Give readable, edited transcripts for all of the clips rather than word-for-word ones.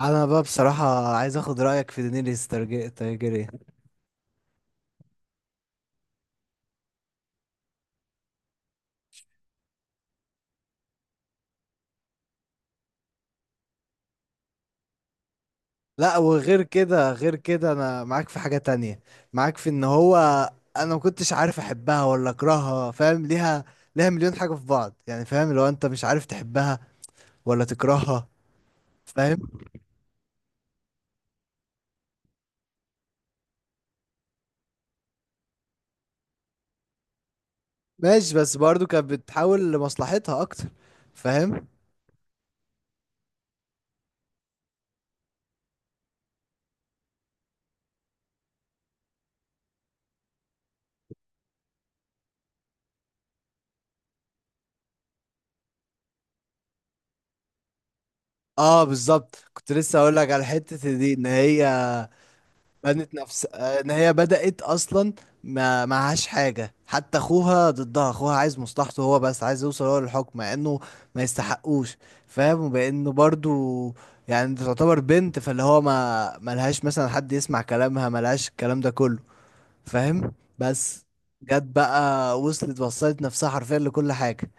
انا بقى بصراحة عايز اخد رأيك في دينيريس تارجيريان. لا، وغير كده غير كده انا معاك في حاجة تانية، معاك في ان هو انا ما كنتش عارف احبها ولا اكرهها. فاهم؟ ليها مليون حاجة في بعض، يعني فاهم لو انت مش عارف تحبها ولا تكرهها. فاهم؟ ماشي، بس برضو كانت بتحاول لمصلحتها اكتر. فاهم. اه، بالظبط، كنت لسه اقول لك على حتة دي، ان هي بنت نفس ان هي بدأت اصلا ما معهاش حاجة، حتى اخوها ضدها. اخوها عايز مصلحته هو بس، عايز يوصل هو للحكم مع انه ما يستحقوش. فاهم؟ وبانه برضو، يعني دي تعتبر بنت، فاللي هو ما ملهاش مثلا حد يسمع كلامها، ملهاش الكلام ده كله. فاهم؟ بس جت بقى، وصلت نفسها حرفيا لكل حاجة.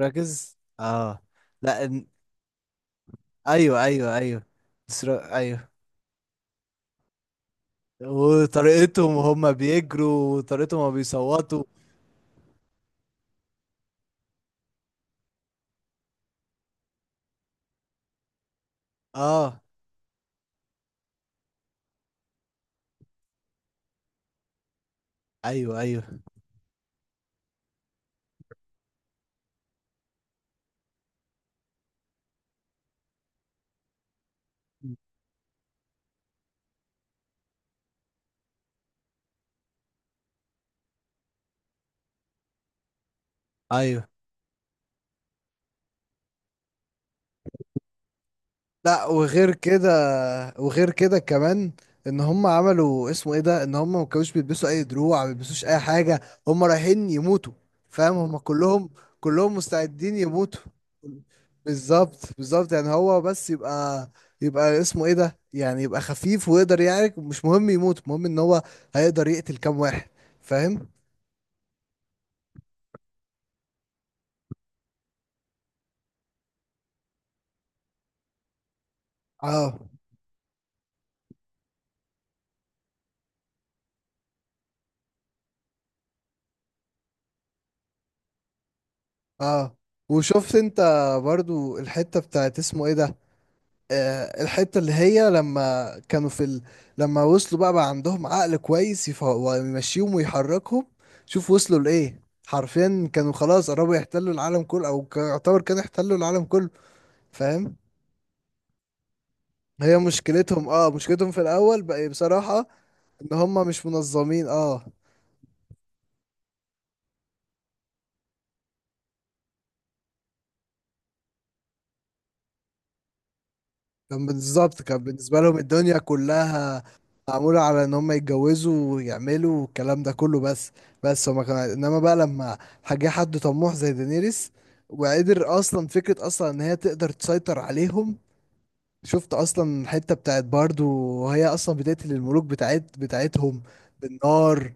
ركز. اه. لا، ايوه ايوه ايوه. ايوه، وطريقتهم وهم بيجروا وطريقتهم وهما بيصوتوا. اه، ايوه ايوه ايوه. لا، وغير كده كمان ان هم عملوا اسمه ايه ده، ان هم ما كانوش بيلبسوا اي دروع، ما بيلبسوش اي حاجه، هم رايحين يموتوا. فاهم؟ هم كلهم مستعدين يموتوا. بالظبط، بالظبط، يعني هو بس يبقى اسمه ايه ده، يعني يبقى خفيف ويقدر يعرك، مش مهم يموت، المهم ان هو هيقدر يقتل كام واحد. فاهم؟ اه، اه، وشفت انت برضو الحتة بتاعت اسمه ايه ده، آه الحتة اللي هي لما كانوا في لما وصلوا بقى, عندهم عقل كويس ويمشيهم ويحركهم. شوف وصلوا لإيه، حرفيا كانوا خلاص قربوا يحتلوا العالم كله، او يعتبر كانوا يحتلوا العالم كله. فاهم؟ هي مشكلتهم في الاول بقى بصراحة ان هم مش منظمين. اه. كان بالظبط، كان بالنسبة لهم الدنيا كلها معمولة على ان هم يتجوزوا ويعملوا الكلام ده كله بس. بس هما كان، انما بقى لما جه حد طموح زي دينيريس وقدر اصلا، فكرة اصلا ان هي تقدر تسيطر عليهم. شفت اصلا الحتة بتاعت باردو، وهي اصلا بتقتل الملوك بتاعتهم بالنار.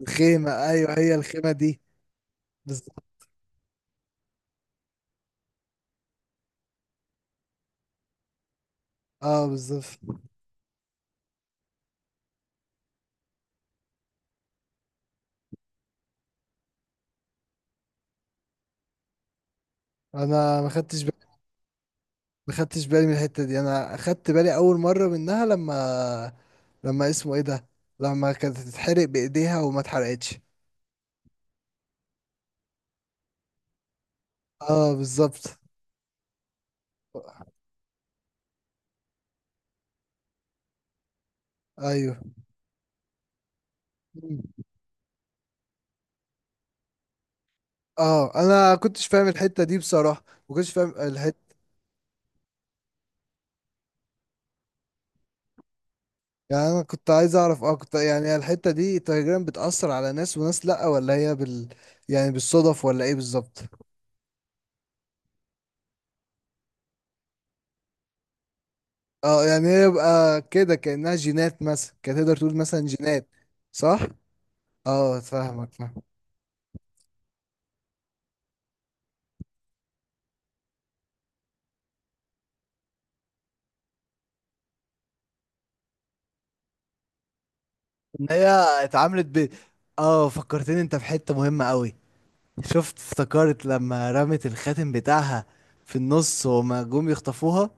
الخيمة، ايوه، هي الخيمة دي. بالظبط. اه بالظبط. انا ما خدتش بالي. ما خدتش بالي من الحتة دي، انا خدت بالي اول مرة منها لما اسمه ايه ده، لما كانت تتحرق بايديها وما اتحرقتش. اه بالظبط. ايوه. مم. اه انا كنتش فاهم الحتة دي بصراحة، ما كنتش فاهم الحتة. يعني انا كنت عايز اعرف، اه، كنت يعني الحتة دي تقريبا بتأثر على ناس وناس، لا، ولا هي يعني بالصدف ولا ايه بالظبط؟ اه، يعني هي يبقى كده كأنها جينات مثلا، كانت تقدر تقول مثلا جينات. صح. اه فاهمك، فاهم. ان هي اتعاملت ب اه فكرتني انت في حتة مهمة قوي. شفت افتكرت لما رمت الخاتم بتاعها في النص، وما جم يخطفوها.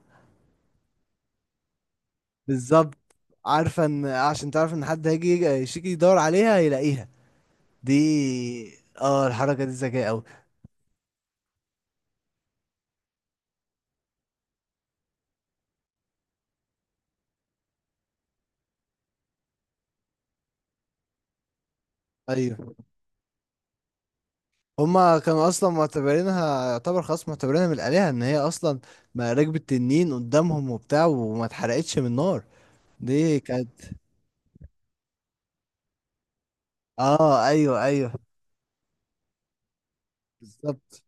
بالظبط. عارفة ان عشان تعرف ان حد هيجي يشيك يدور عليها هيلاقيها دي. اه، الحركة دي ذكية قوي. ايوه، هما كانوا اصلا معتبرينها، يعتبر خلاص معتبرينها من الآلهة، ان هي اصلا ما ركبت تنين قدامهم وبتاع، وما اتحرقتش من النار دي كانت. اه ايوه ايوه بالظبط.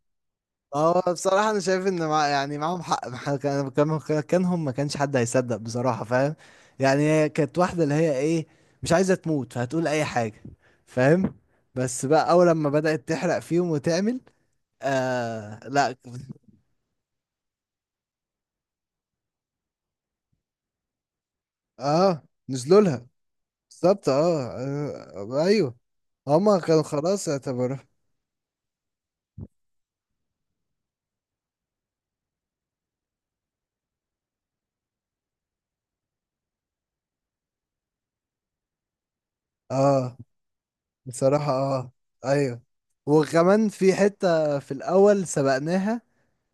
هو بصراحة أنا شايف إن مع، يعني معاهم حق، كانهم ما كانش حد هيصدق بصراحة. فاهم؟ يعني هي كانت واحدة اللي هي إيه، مش عايزة تموت فهتقول أي حاجة. فاهم؟ بس بقى أول لما بدأت تحرق فيهم وتعمل. آه لا. آه نزلوا لها. بالظبط آه أيوه، هما كانوا خلاص اعتبروا. آه بصراحة أيوه، وكمان في حتة في الأول سبقناها،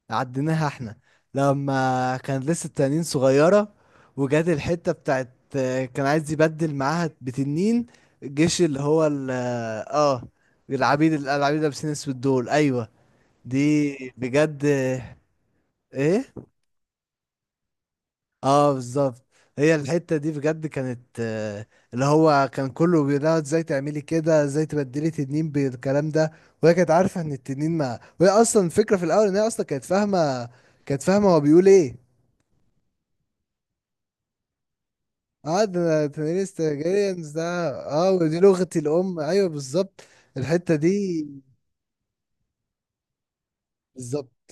عديناها احنا لما كان لسه التنانين صغيرة، وجات الحتة بتاعت كان عايز يبدل معاها بتنين الجيش اللي هو اه، العبيد لابسين اسود دول، ايوه. دي بجد ايه. اه بالظبط. هي الحتة دي بجد كانت اللي هو كان كله بيقولها ازاي تعملي كده، ازاي تبدلي تنين بالكلام ده. وهي كانت عارفة ان التنين ما، وهي اصلا الفكرة في الاول ان هي اصلا كانت فاهمة هو بيقول ايه. اه ده تنريس تارجيريانز ده. اه ودي لغة الأم، أيوه بالظبط الحتة دي. بالظبط،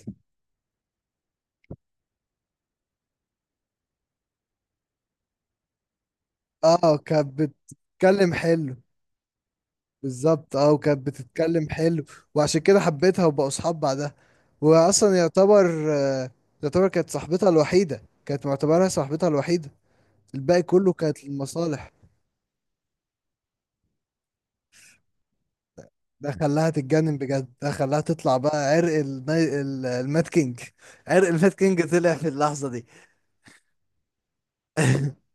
اه كانت بتتكلم حلو. بالظبط، اه وكانت بتتكلم حلو، وعشان كده حبيتها وبقوا صحاب بعدها. وأصلا يعتبر، يعتبر كانت صاحبتها الوحيدة، كانت معتبرها صاحبتها الوحيدة، الباقي كله كانت للمصالح. ده خلاها تتجنن بجد، ده خلاها تطلع بقى عرق المات كينج. عرق المات كينج طلع في اللحظة دي.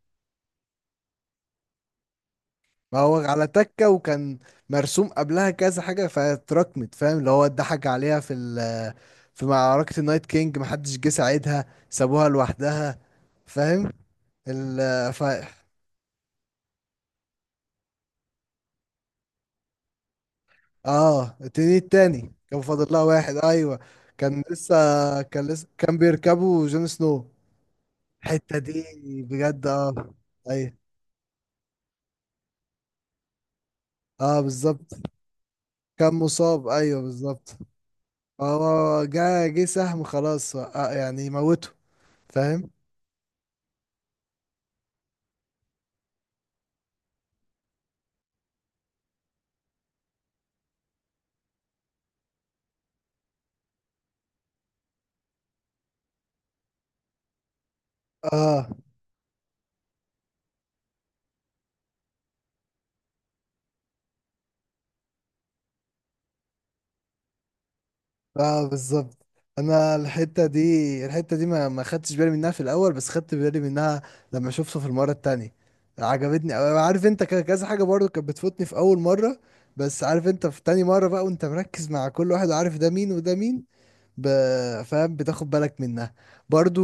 ما هو على تكة، وكان مرسوم قبلها كذا حاجة فاتراكمت. فاهم؟ اللي هو اتضحك عليها في في معركة النايت كينج محدش جه ساعدها، سابوها لوحدها. فاهم؟ ال ف اه التنين التاني كان فاضل لها واحد، ايوه. كان لسه كان لسه كان بيركبوا جون سنو الحتة دي بجد. اه. ايوه. اه بالظبط. كان مصاب، ايوه بالظبط. هو جه سهم خلاص، آه يعني موته. فاهم؟ اه اه بالظبط. انا الحته دي ما خدتش بالي منها في الاول، بس خدت بالي منها لما شفته في المره التانية. عجبتني أوي. عارف انت كذا حاجه برضو كانت بتفوتني في اول مره، بس عارف انت في تاني مره بقى، وانت مركز مع كل واحد وعارف ده مين وده مين. ب... فاهم؟ بتاخد بالك منها برضو،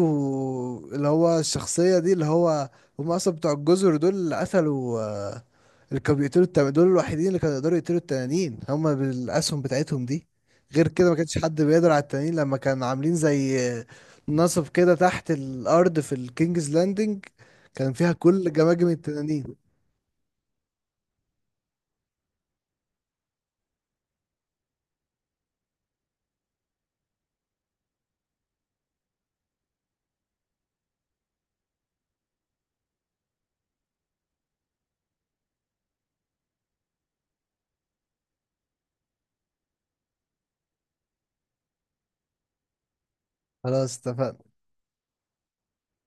اللي هو الشخصية دي، اللي هو هم أصلا بتوع الجزر دول اللي قتلوا، اللي كانوا بيقتلوا دول الوحيدين اللي كانوا يقدروا يقتلوا التنانين، هم بالأسهم بتاعتهم دي. غير كده ما كانش حد بيقدر على التنانين، لما كانوا عاملين زي نصب كده تحت الأرض في الكينجز لاندنج، كان فيها كل جماجم التنانين. خلاص اتفقنا.